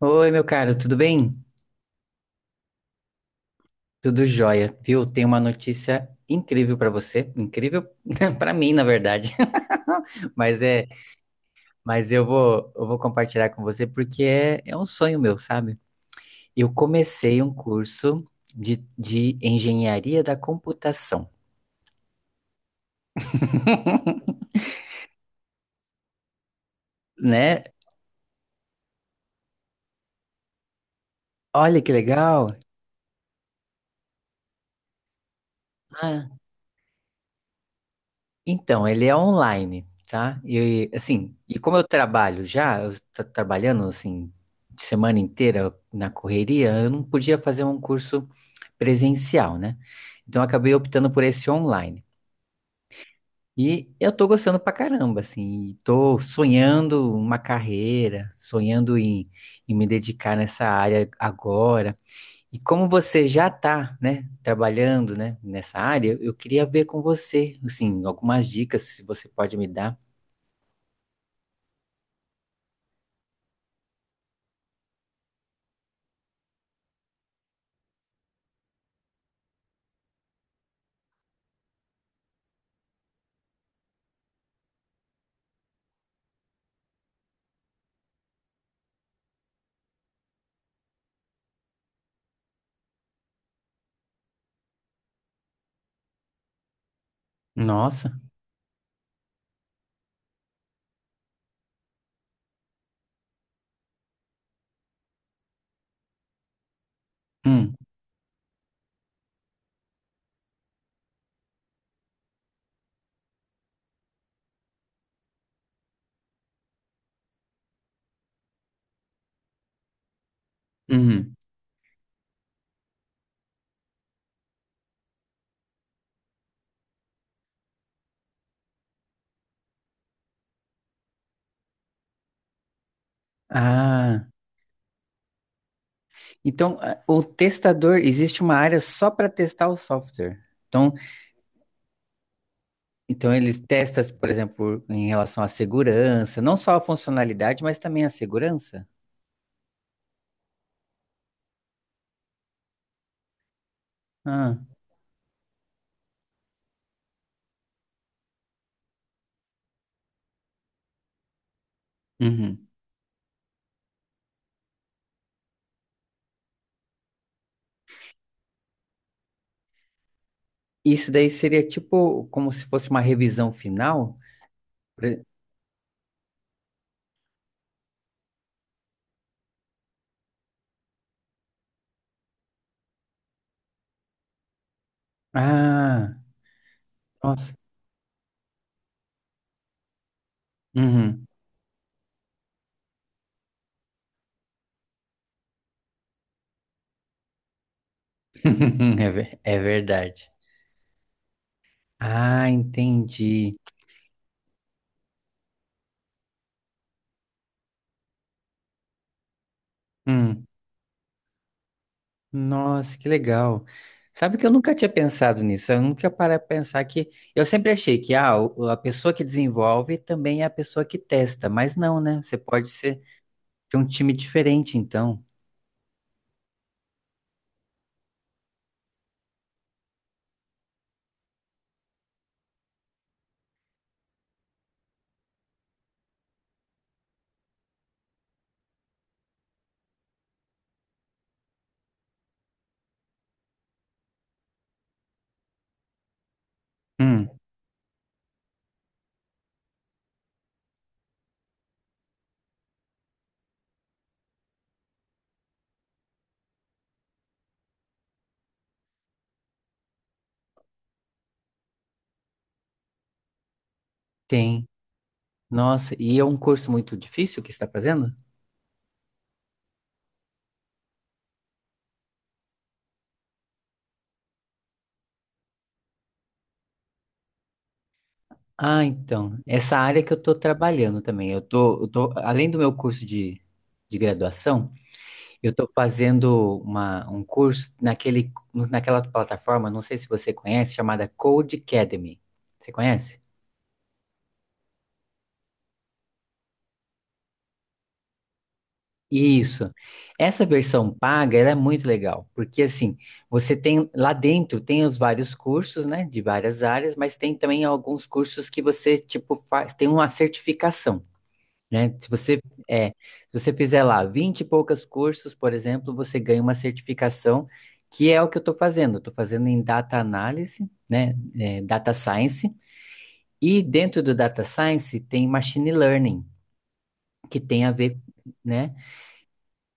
Oi, meu caro, tudo bem? Tudo jóia, viu? Tenho uma notícia incrível pra você, incrível pra mim, na verdade. Mas é, mas eu vou compartilhar com você porque é um sonho meu, sabe? Eu comecei um curso de engenharia da computação, né? Olha que legal! Então, ele é online, tá? E assim, e como eu trabalho já, eu tô trabalhando assim semana inteira na correria, eu não podia fazer um curso presencial, né? Então eu acabei optando por esse online. E eu tô gostando pra caramba, assim, e tô sonhando uma carreira, sonhando em me dedicar nessa área agora. E como você já está, né, trabalhando, né, nessa área, eu queria ver com você, assim, algumas dicas, se você pode me dar. Nossa. Hum, uhum. Ah, então ah, o testador existe uma área só para testar o software. Então, então eles testam, por exemplo, em relação à segurança, não só a funcionalidade, mas também a segurança. Ah, uhum. Isso daí seria tipo como se fosse uma revisão final. Por e- Ah, nossa. Uhum. É verdade. Ah, entendi. Hum, nossa, que legal. Sabe que eu nunca tinha pensado nisso. Eu nunca parei para pensar que. Eu sempre achei que ah, a pessoa que desenvolve também é a pessoa que testa, mas não, né? Você pode ser, ter um time diferente, então. Hum, tem. Nossa, e é um curso muito difícil que você está fazendo? Ah, então. Essa área que eu estou trabalhando também. Eu tô, além do meu curso de graduação. Eu estou fazendo uma, um curso naquele, naquela plataforma, não sei se você conhece, chamada Codecademy. Você conhece? Isso. Essa versão paga, ela é muito legal, porque assim, você tem lá dentro tem os vários cursos, né, de várias áreas, mas tem também alguns cursos que você tipo faz, tem uma certificação. Né? Se você se você fizer lá 20 e poucas cursos, por exemplo, você ganha uma certificação, que é o que eu estou fazendo. Estou fazendo em data análise, né? É, data science, e dentro do data science tem machine learning, que tem a ver, né,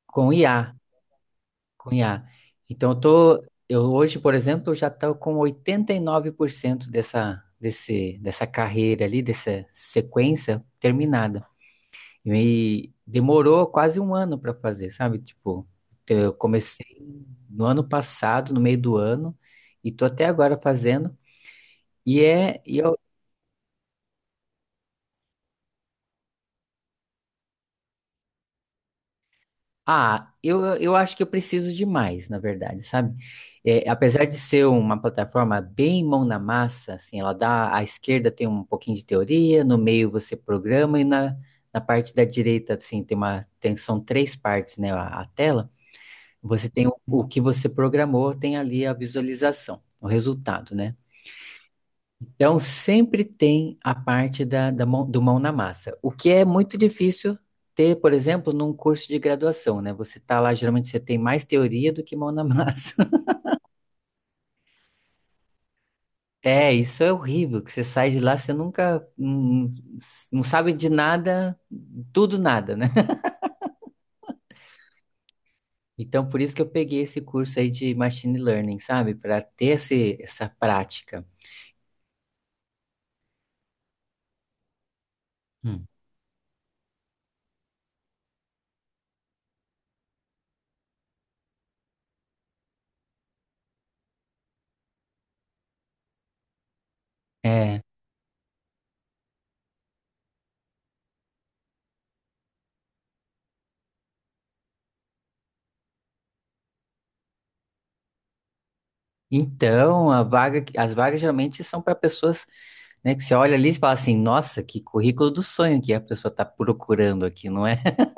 com IA, com IA. Então eu tô, eu hoje, por exemplo, eu já estou com 89% dessa carreira ali, dessa sequência terminada. E demorou quase um ano para fazer, sabe? Tipo, eu comecei no ano passado, no meio do ano, e tô até agora fazendo. E é, e eu, ah, eu acho que eu preciso de mais, na verdade, sabe? É, apesar de ser uma plataforma bem mão na massa, assim, ela dá, à esquerda tem um pouquinho de teoria, no meio você programa e na parte da direita, assim, tem, são três partes, né, a tela. Você tem o que você programou, tem ali a visualização, o resultado, né? Então, sempre tem a parte da mão, do mão na massa, o que é muito difícil ter, por exemplo, num curso de graduação, né? Você tá lá, geralmente você tem mais teoria do que mão na massa. É, isso é horrível, que você sai de lá, você nunca, não sabe de nada, tudo nada, né? Então, por isso que eu peguei esse curso aí de Machine Learning, sabe? Para ter essa prática. Hum. É, Então, as vagas geralmente são para pessoas, né, que você olha ali e fala assim, nossa, que currículo do sonho que a pessoa está procurando aqui, não é?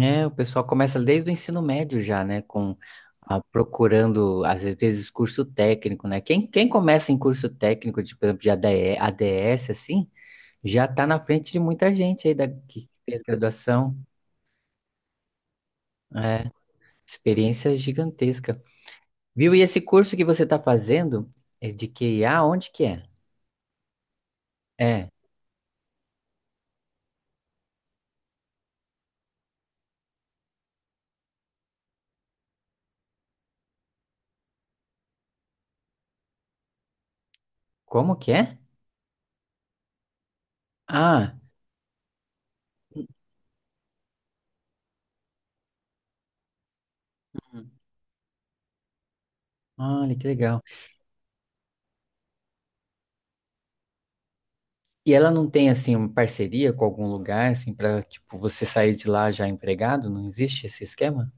É, o pessoal começa desde o ensino médio já, né, com procurando, às vezes, curso técnico, né? Quem começa em curso técnico, de, por exemplo, de ADE, ADS, assim, já está na frente de muita gente aí que fez graduação, é, experiência gigantesca. Viu? E esse curso que você está fazendo é de QIA, onde que é? É. Como que é? Ah, Hum. Olha que legal. E ela não tem assim uma parceria com algum lugar assim para tipo você sair de lá já empregado? Não existe esse esquema?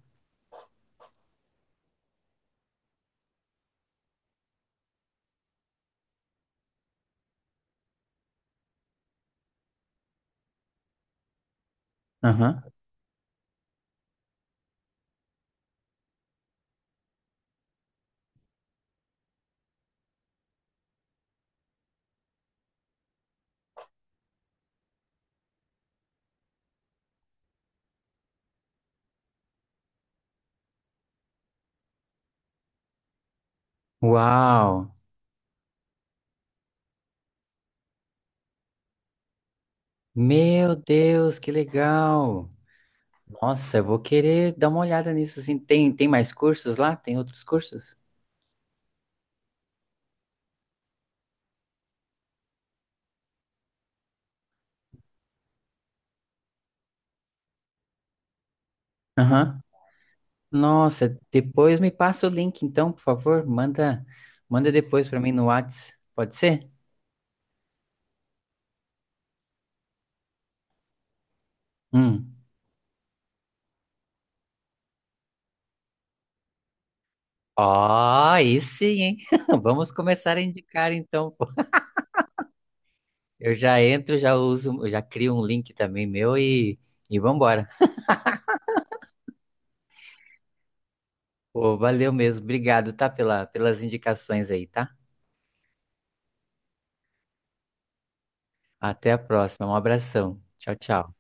Aham. Uau! Meu Deus, que legal! Nossa, eu vou querer dar uma olhada nisso assim. Tem mais cursos lá? Tem outros cursos? Aham. Nossa, depois me passa o link então, por favor. Manda depois para mim no Whats. Pode ser? Hum. Ó, aí sim, hein? Vamos começar a indicar então. Pô. Eu já entro, já uso, eu já crio um link também meu e vambora. Pô, valeu mesmo. Obrigado, tá? Pelas indicações aí, tá? Até a próxima. Um abração. Tchau, tchau.